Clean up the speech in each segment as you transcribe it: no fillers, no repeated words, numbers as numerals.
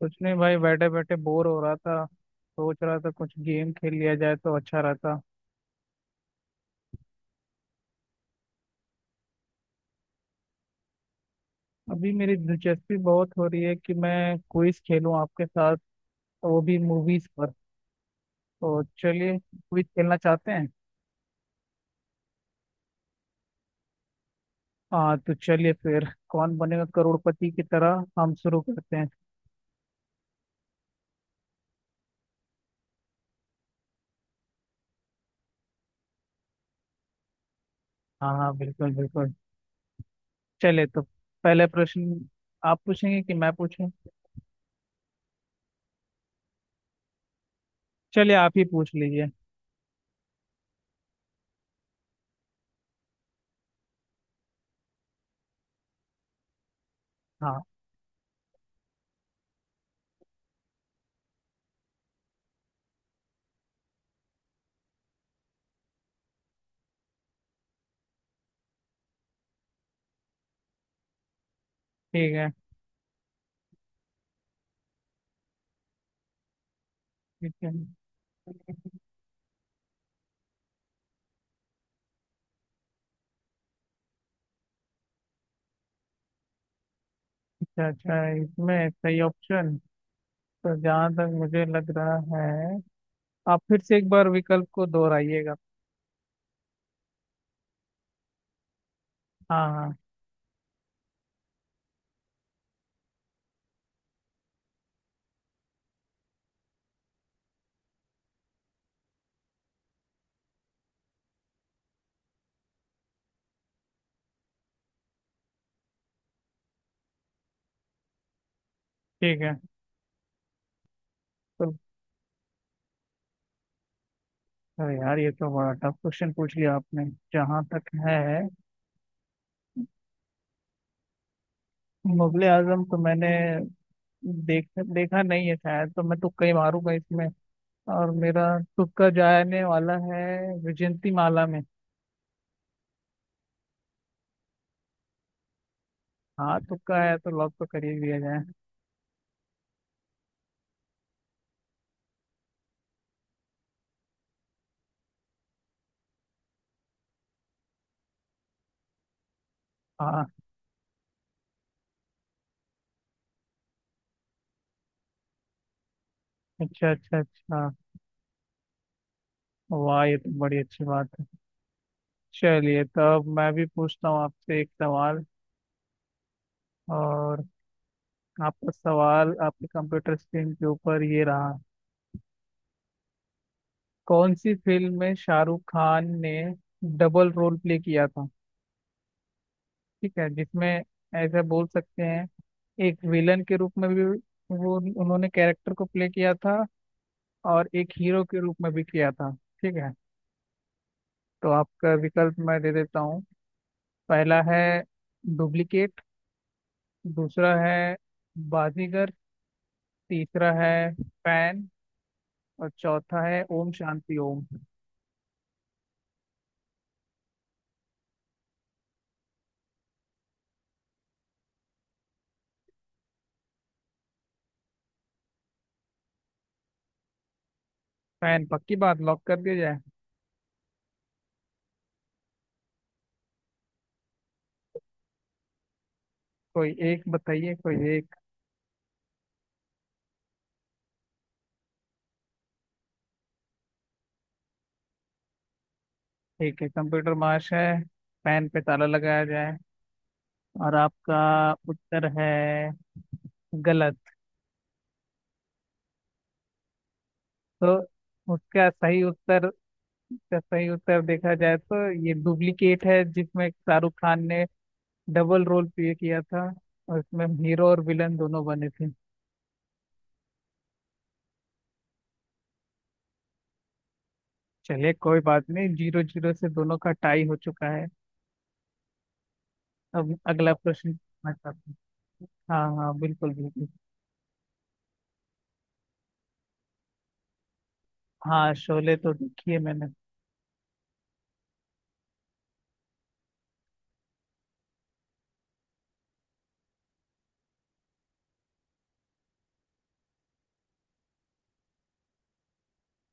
कुछ नहीं भाई बैठे बैठे बोर हो रहा था, सोच रहा था कुछ गेम खेल लिया जाए तो अच्छा रहता। अभी मेरी दिलचस्पी बहुत हो रही है कि मैं क्विज खेलूं आपके साथ, वो भी मूवीज पर। तो चलिए, क्विज खेलना चाहते हैं। हाँ, तो चलिए फिर कौन बनेगा करोड़पति की तरह हम शुरू करते हैं। हाँ हाँ, बिल्कुल बिल्कुल। चलिए तो पहला प्रश्न, आप पूछेंगे कि मैं पूछूं। चलिए आप ही पूछ लीजिए। हाँ। ठीक है। ठीक है। अच्छा अच्छा, इसमें सही ऑप्शन तो जहाँ तक मुझे लग रहा है, आप फिर से एक बार विकल्प को दोहराइएगा। हाँ हाँ। ठीक है। तो अरे यार, ये तो बड़ा टफ क्वेश्चन पूछ लिया आपने। जहाँ तक है, मुगले आजम तो मैंने देख देखा नहीं है शायद। तो मैं तुक्का ही मारूंगा इसमें, और मेरा तुक्का जाने वाला है विजयंती माला में। हाँ, तुक्का है तो लॉक तो कर ही दिया जाए। हाँ। अच्छा अच्छा अच्छा, वाह ये तो बड़ी अच्छी बात है। चलिए तब मैं भी पूछता हूँ आपसे एक सवाल, और आपका सवाल आपके कंप्यूटर स्क्रीन के ऊपर ये रहा। कौन सी फिल्म में शाहरुख खान ने डबल रोल प्ले किया था, ठीक है, जिसमें ऐसा बोल सकते हैं एक विलन के रूप में भी वो उन्होंने कैरेक्टर को प्ले किया था, और एक हीरो के रूप में भी किया था। ठीक है, तो आपका विकल्प मैं दे देता हूँ। पहला है डुप्लीकेट। दूसरा है बाजीगर। तीसरा है फैन। और चौथा है ओम शांति ओम। फैन पक्की बात, लॉक कर दिया जाए। कोई एक बताइए, कोई एक। ठीक है कंप्यूटर मार्श है, पेन पे ताला लगाया जाए। और आपका उत्तर है गलत। तो उसका सही उत्तर, उसका सही उत्तर देखा जाए तो ये डुप्लीकेट है जिसमें शाहरुख खान ने डबल रोल प्ले किया था। और इसमें हीरो और विलन दोनों बने थे। चलिए कोई बात नहीं, जीरो जीरो से दोनों का टाई हो चुका है। अब अगला प्रश्न मैं करता हूँ। हाँ हाँ, बिल्कुल बिल्कुल। हाँ, शोले तो देखी है मैंने।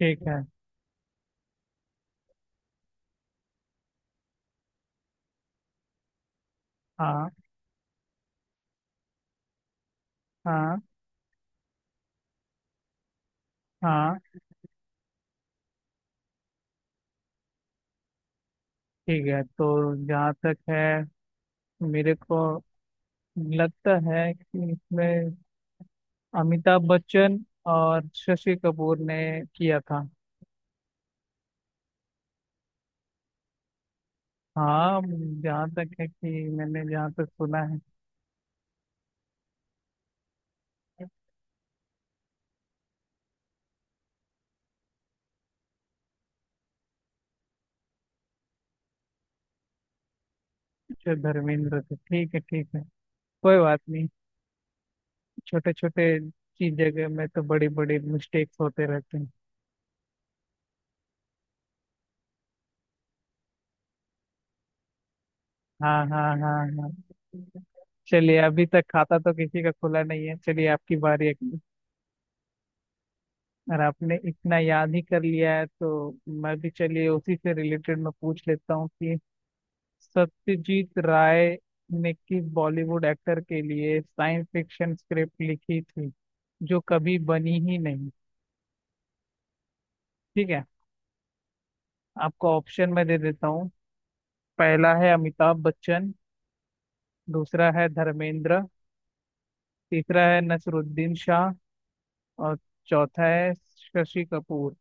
ठीक है। हाँ। हाँ। हाँ। ठीक है, तो जहाँ तक है मेरे को लगता है कि इसमें अमिताभ बच्चन और शशि कपूर ने किया था। हाँ, जहाँ तक है कि मैंने, जहाँ तक सुना है। जो धर्मेंद्र थे, ठीक है ठीक है, कोई बात नहीं। छोटे छोटे चीज जगह में तो बड़ी बड़ी मिस्टेक्स होते रहते हैं। हाँ हाँ हाँ हाँ। चलिए अभी तक खाता तो किसी का खुला नहीं है। चलिए आपकी बारी है। और आपने इतना याद ही कर लिया है, तो मैं भी चलिए उसी से रिलेटेड मैं पूछ लेता हूँ कि सत्यजीत राय ने किस बॉलीवुड एक्टर के लिए साइंस फिक्शन स्क्रिप्ट लिखी थी जो कभी बनी ही नहीं। ठीक है। आपको ऑप्शन मैं दे देता हूँ। पहला है अमिताभ बच्चन। दूसरा है धर्मेंद्र। तीसरा है नसरुद्दीन शाह। और चौथा है शशि कपूर।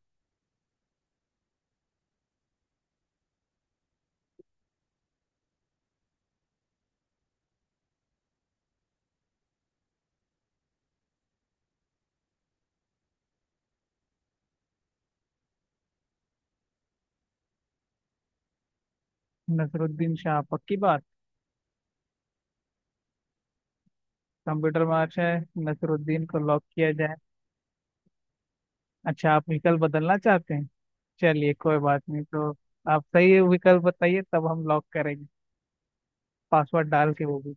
नसरुद्दीन शाह पक्की बात। कंप्यूटर मार्च है, नसरुद्दीन को लॉक किया। अच्छा, आप विकल्प बदलना चाहते हैं। चलिए कोई बात नहीं, तो आप सही विकल्प बताइए तब हम लॉक करेंगे, पासवर्ड डाल के वो भी।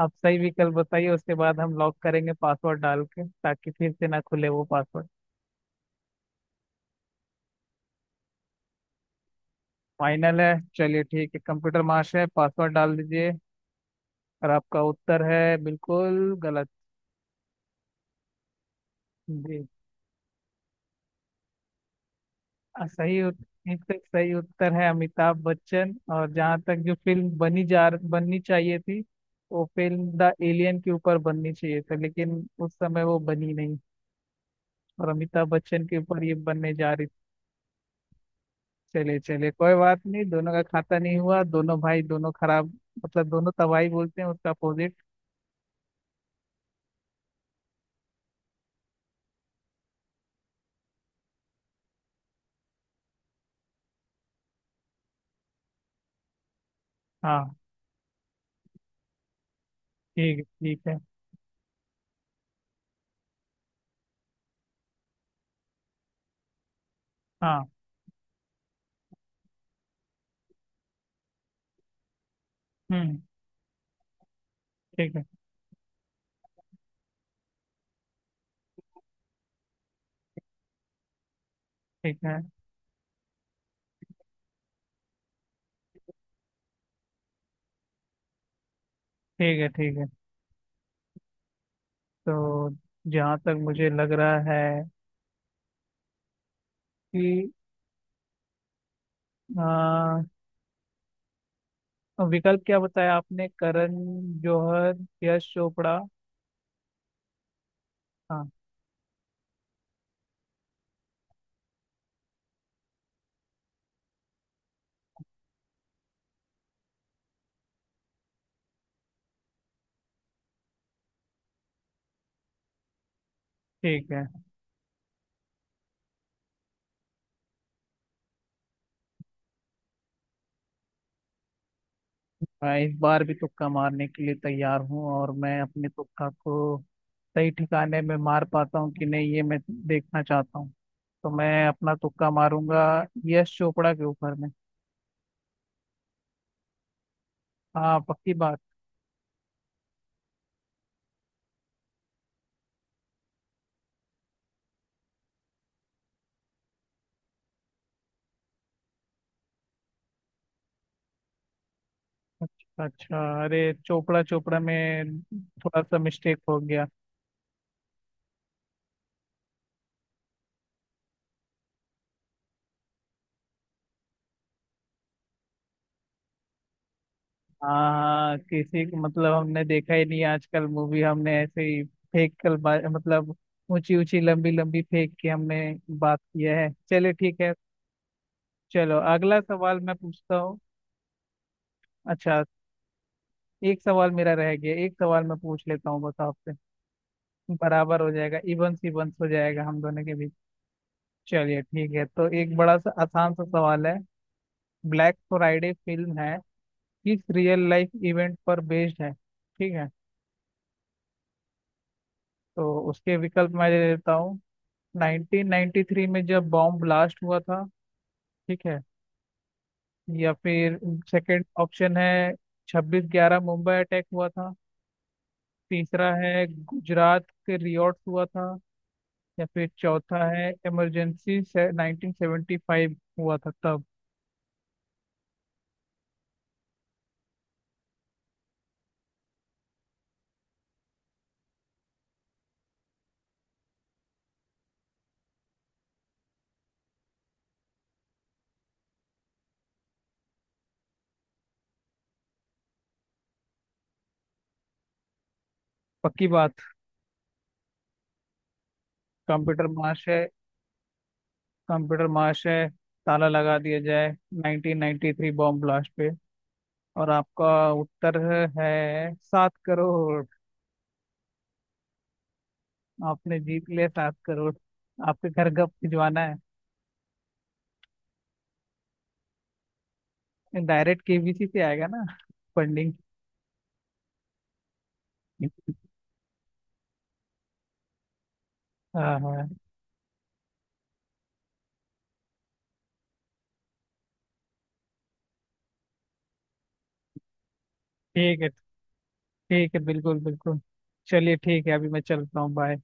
आप सही विकल्प बताइए, उसके बाद हम लॉक करेंगे पासवर्ड डाल के ताकि फिर से ना खुले वो पासवर्ड। फाइनल है, चलिए ठीक है, कंप्यूटर महाशय पासवर्ड डाल दीजिए। और आपका उत्तर है बिल्कुल गलत। जी, आ, सही उत- इसका सही उत्तर है अमिताभ बच्चन, और जहाँ तक जो फिल्म बनी, जा बननी चाहिए थी, वो फिल्म द एलियन के ऊपर बननी चाहिए था लेकिन उस समय वो बनी नहीं, और अमिताभ बच्चन के ऊपर ये बनने जा रही थी। चले चले, कोई बात नहीं, दोनों का खाता नहीं हुआ। दोनों भाई दोनों खराब, मतलब दोनों तबाही बोलते हैं उसका अपोजिट। हाँ। ठीक है ठीक है। हाँ। हम्म। ठीक है ठीक है। ठीक है ठीक है। तो जहाँ तक मुझे लग रहा है कि, और विकल्प क्या बताया आपने? करण जौहर, यश चोपड़ा। हाँ। ठीक है। मैं इस बार भी तुक्का मारने के लिए तैयार हूँ, और मैं अपने तुक्का को सही ठिकाने में मार पाता हूँ कि नहीं ये मैं देखना चाहता हूँ। तो मैं अपना तुक्का मारूंगा यश चोपड़ा के ऊपर में। हाँ पक्की बात। अच्छा अच्छा, अरे चोपड़ा चोपड़ा में थोड़ा सा मिस्टेक हो गया। हाँ हाँ, किसी को मतलब हमने देखा ही नहीं आजकल मूवी, हमने ऐसे ही फेंक कर मतलब ऊंची ऊंची लंबी लंबी फेंक के हमने बात किया है। चलिए ठीक है। चलो अगला सवाल मैं पूछता हूँ। अच्छा, एक सवाल मेरा रह गया, एक सवाल मैं पूछ लेता हूँ बस आपसे। बराबर हो जाएगा, इवन सीवंस हो जाएगा हम दोनों के बीच। चलिए ठीक है, तो एक बड़ा सा आसान सा सवाल है। ब्लैक फ्राइडे फिल्म है, किस रियल लाइफ इवेंट पर बेस्ड है? ठीक है, तो उसके विकल्प मैं दे देता हूँ। 1993 में जब बॉम्ब ब्लास्ट हुआ था, ठीक है, या फिर सेकंड ऑप्शन है 26/11 मुंबई अटैक हुआ था। तीसरा है गुजरात के रियॉट हुआ था। या फिर चौथा है इमरजेंसी से 1975 हुआ था तब। पक्की बात। कंप्यूटर मार्श है, कंप्यूटर मार्श है, ताला लगा दिया जाए 1993 बॉम्ब ब्लास्ट पे। और आपका उत्तर है 7 करोड़। आपने जीत लिया 7 करोड़। आपके घर गप भिजवाना है। डायरेक्ट केबीसी से आएगा ना फंडिंग। हाँ हाँ। ठीक है ठीक है, बिल्कुल बिल्कुल। चलिए ठीक है, अभी मैं चलता हूँ। बाय।